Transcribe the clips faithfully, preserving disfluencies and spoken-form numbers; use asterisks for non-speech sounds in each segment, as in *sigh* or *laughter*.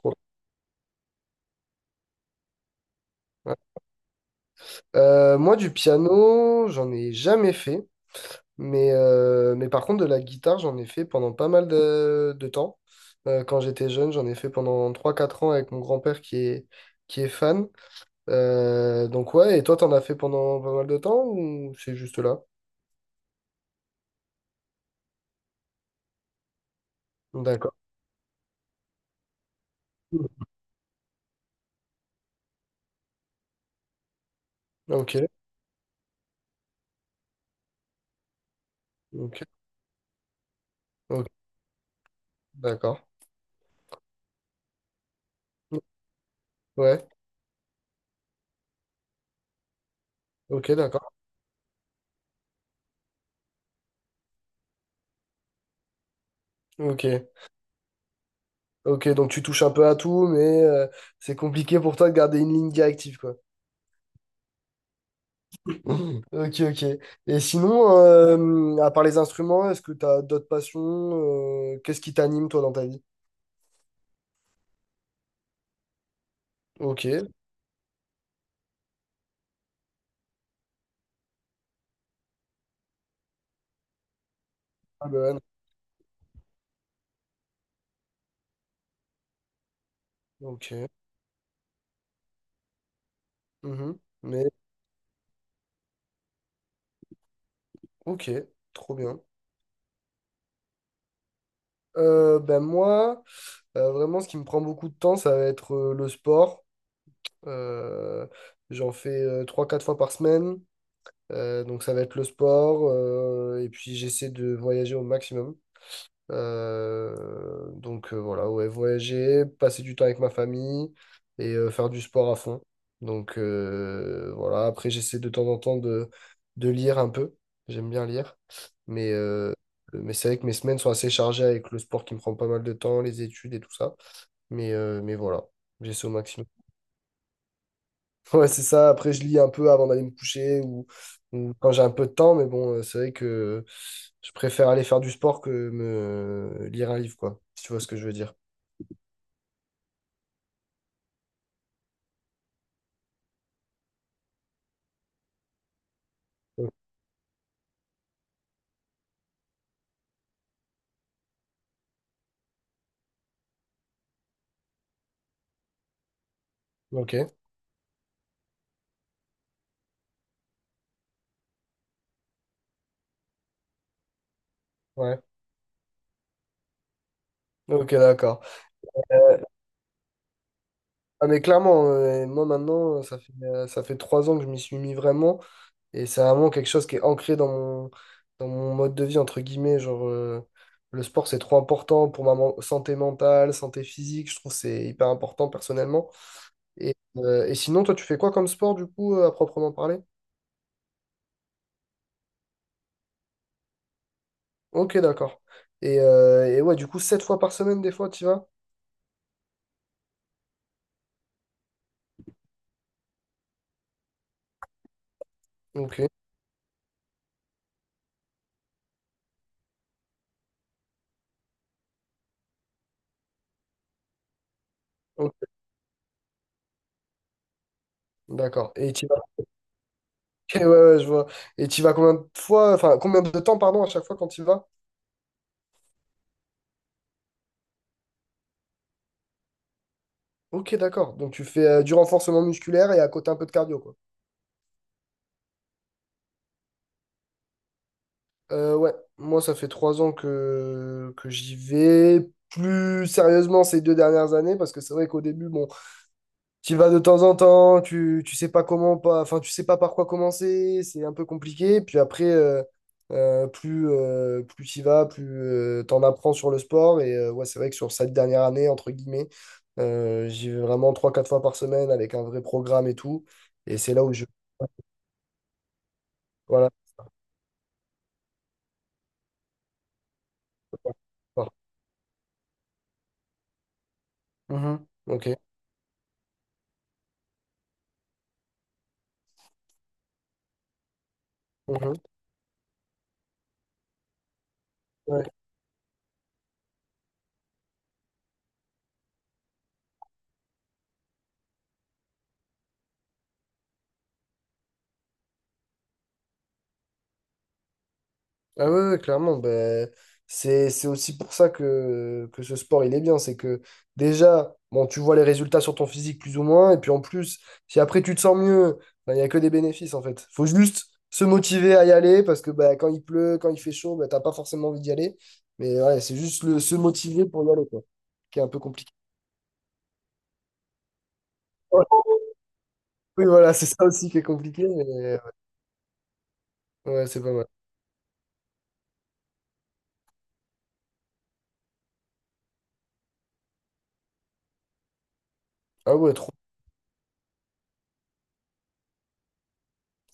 Cool. Ouais. Euh, moi, du piano, j'en ai jamais fait, mais, euh, mais par contre, de la guitare, j'en ai fait pendant pas mal de, de temps. Euh, quand j'étais jeune, j'en ai fait pendant trois quatre ans avec mon grand-père qui est, qui est fan. Euh, donc, ouais, et toi, t'en as fait pendant pas mal de temps ou c'est juste là? D'accord. Ok, ok, ok, d'accord. Ouais, ok, d'accord. Ok, ok, donc tu touches un peu à tout, mais euh, c'est compliqué pour toi de garder une ligne directive, quoi. *laughs* Ok, ok. Et sinon, euh, à part les instruments, est-ce que tu as d'autres passions? Euh, qu'est-ce qui t'anime, toi, dans ta vie? Ok. Ah ben, ok. Mhm. Mais, ok, trop bien. Euh, ben moi, euh, vraiment, ce qui me prend beaucoup de temps, ça va être euh, le sport. Euh, j'en fais euh, trois quatre fois par semaine. Euh, donc, ça va être le sport. Euh, et puis, j'essaie de voyager au maximum. Euh, donc euh, voilà, ouais, voyager, passer du temps avec ma famille et euh, faire du sport à fond. Donc euh, voilà, après j'essaie de temps en temps de, de lire un peu. J'aime bien lire. Mais, euh, mais c'est vrai que mes semaines sont assez chargées avec le sport qui me prend pas mal de temps, les études et tout ça. Mais, euh, mais voilà, j'essaie au maximum. Ouais, c'est ça. Après, je lis un peu avant d'aller me coucher ou, ou quand j'ai un peu de temps, mais bon, euh, c'est vrai que je préfère aller faire du sport que me euh, lire un livre, quoi, si tu vois ce que je veux dire. Mmh. Ok, ouais. Ok, d'accord. Ah, mais clairement, euh, moi maintenant, ça fait, euh, ça fait trois ans que je m'y suis mis vraiment, et c'est vraiment quelque chose qui est ancré dans mon, dans mon mode de vie, entre guillemets. Genre, euh, le sport, c'est trop important pour ma men- santé mentale, santé physique, je trouve que c'est hyper important personnellement. Et, euh, et sinon, toi, tu fais quoi comme sport, du coup, euh, à proprement parler? Ok, d'accord. Et, euh, et ouais, du coup, sept fois par semaine, des fois, tu vas? Ok, ok, d'accord. Et tu vas. *laughs* Ok, ouais, ouais, je vois. Et tu vas combien de fois, enfin, combien de temps, pardon, à chaque fois quand tu vas? Ok, d'accord. Donc, tu fais euh, du renforcement musculaire et à côté un peu de cardio, quoi. Euh, ouais, moi, ça fait trois ans que, que j'y vais. Plus sérieusement ces deux dernières années, parce que c'est vrai qu'au début, bon, tu vas de temps en temps, tu, tu sais pas comment pas, enfin tu sais pas par quoi commencer, c'est un peu compliqué. Puis après, euh, euh, plus euh, plus tu vas, plus euh, t'en apprends sur le sport. Et euh, ouais, c'est vrai que sur cette dernière année, entre guillemets, euh, j'y vais vraiment trois quatre fois par semaine avec un vrai programme et tout. Et c'est là où je. Voilà. Mhm. Ok. Mhm. Ouais. Ah ouais, ouais, clairement, ben, c'est, c'est aussi pour ça que, que ce sport, il est bien. C'est que déjà, bon, tu vois les résultats sur ton physique plus ou moins, et puis en plus, si après tu te sens mieux, ben, il n'y a que des bénéfices en fait. Faut juste se motiver à y aller, parce que ben, quand il pleut, quand il fait chaud, ben, t'as pas forcément envie d'y aller. Mais ouais, c'est juste le, se motiver pour y aller, quoi, qui est un peu compliqué. *laughs* Oui, voilà, c'est ça aussi qui est compliqué, mais ouais, c'est pas mal. Ah ouais, trop.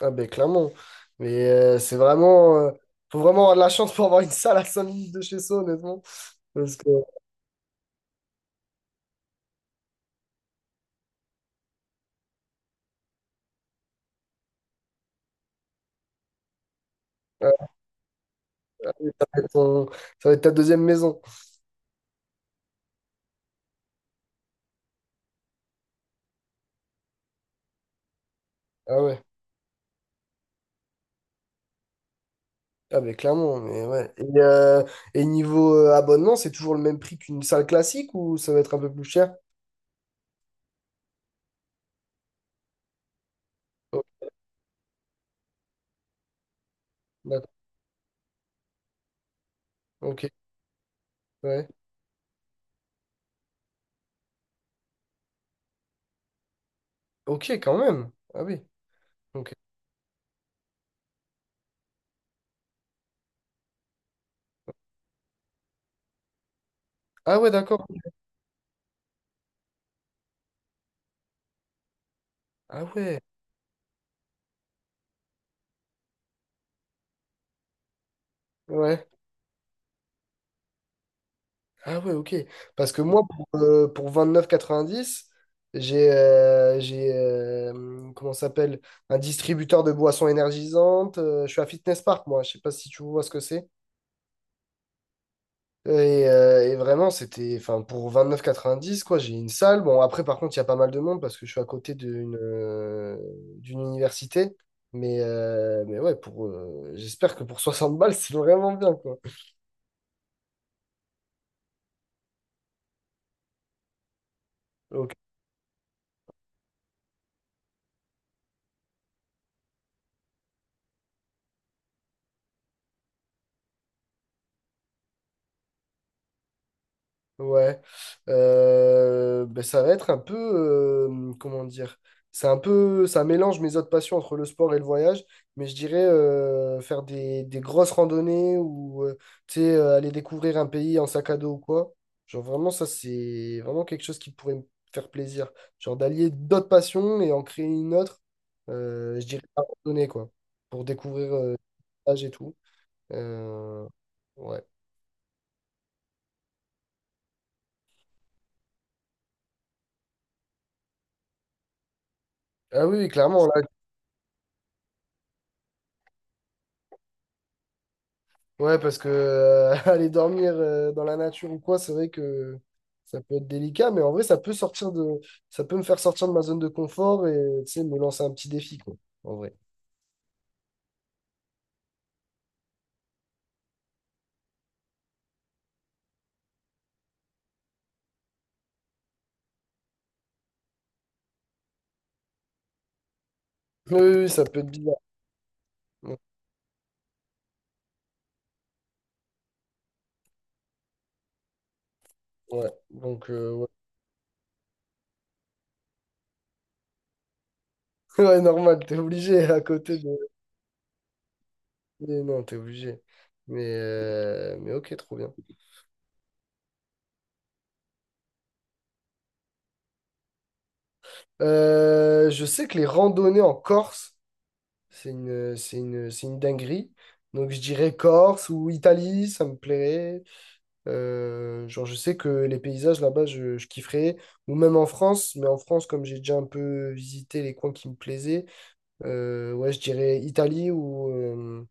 Ah ben clairement. Mais euh, c'est vraiment... euh, faut vraiment avoir de la chance pour avoir une salle à cinq minutes de chez soi, honnêtement. Parce que euh, ça va être ton- ça va être ta deuxième maison. Ah ouais. Ah ben clairement, mais ouais. Et, euh, et niveau euh, abonnement, c'est toujours le même prix qu'une salle classique ou ça va être un peu plus cher? Oh, d'accord. Ok, ouais. Ok, quand même. Ah oui. Ok. Ah ouais, d'accord. Ah ouais. Ouais. Ah ouais, ok. Parce que moi, pour, euh, pour vingt-neuf quatre-vingt-dix, j'ai euh, j'ai euh, hum, comment ça s'appelle? Un distributeur de boissons énergisantes. Euh, je suis à Fitness Park, moi. Je sais pas si tu vois ce que c'est. Et, euh, et vraiment, c'était, enfin, pour vingt quatre-vingt-dix neuf quoi, j'ai une salle. Bon, après, par contre, il y a pas mal de monde parce que je suis à côté d'une euh, d'une université. Mais, euh, mais ouais, pour, euh, j'espère que pour soixante balles, *laughs* c'est vraiment bien, quoi. Ok. Ouais, Euh, ben, ça va être un peu, euh, comment dire, c'est un peu, ça mélange mes autres passions entre le sport et le voyage, mais je dirais euh, faire des, des grosses randonnées ou euh, tu sais, euh, aller découvrir un pays en sac à dos ou quoi. Genre vraiment, ça c'est vraiment quelque chose qui pourrait me faire plaisir. Genre d'allier d'autres passions et en créer une autre, euh, je dirais la randonnée quoi, pour découvrir euh, le paysage et tout. Euh, ouais. Ah oui, oui, clairement, là, ouais, parce que euh, *laughs* aller dormir euh, dans la nature ou quoi, c'est vrai que ça peut être délicat, mais en vrai, ça peut sortir de, ça peut me faire sortir de ma zone de confort et tu sais, me lancer un petit défi, quoi, en vrai. Oui, oui, oui, ça peut être bizarre. Ouais, ouais, donc, euh, ouais. *laughs* Ouais, normal, t'es obligé à côté de. Mais non, t'es obligé. Mais, euh, mais ok, trop bien. Euh, je sais que les randonnées en Corse, c'est une, c'est une, c'est une dinguerie. Donc, je dirais Corse ou Italie, ça me plairait. Euh, genre, je sais que les paysages là-bas, je, je kifferais. Ou même en France, mais en France, comme j'ai déjà un peu visité les coins qui me plaisaient, euh, ouais, je dirais Italie ou, euh,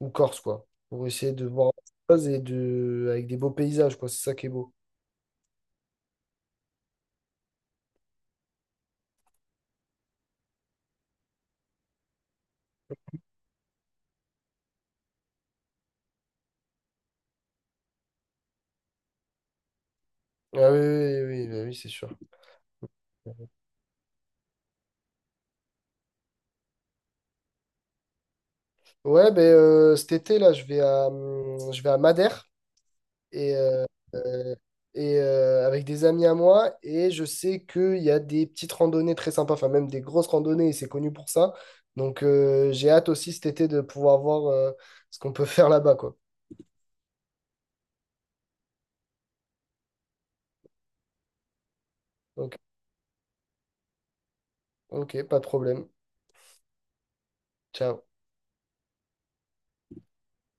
ou Corse, quoi. Pour essayer de voir autre chose et de, avec des beaux paysages, quoi. C'est ça qui est beau. Ah oui, oui, oui, oui, bah oui, c'est sûr. Ouais, ben euh, cet été, là, je vais à, hum, je vais à Madère. et, euh, euh, et euh, avec des amis à moi. Et je sais qu'il y a des petites randonnées très sympas, enfin même des grosses randonnées, et c'est connu pour ça. Donc euh, j'ai hâte aussi cet été de pouvoir voir euh, ce qu'on peut *laughs* faire là-bas, quoi. Donc, ok, pas de problème. Ciao.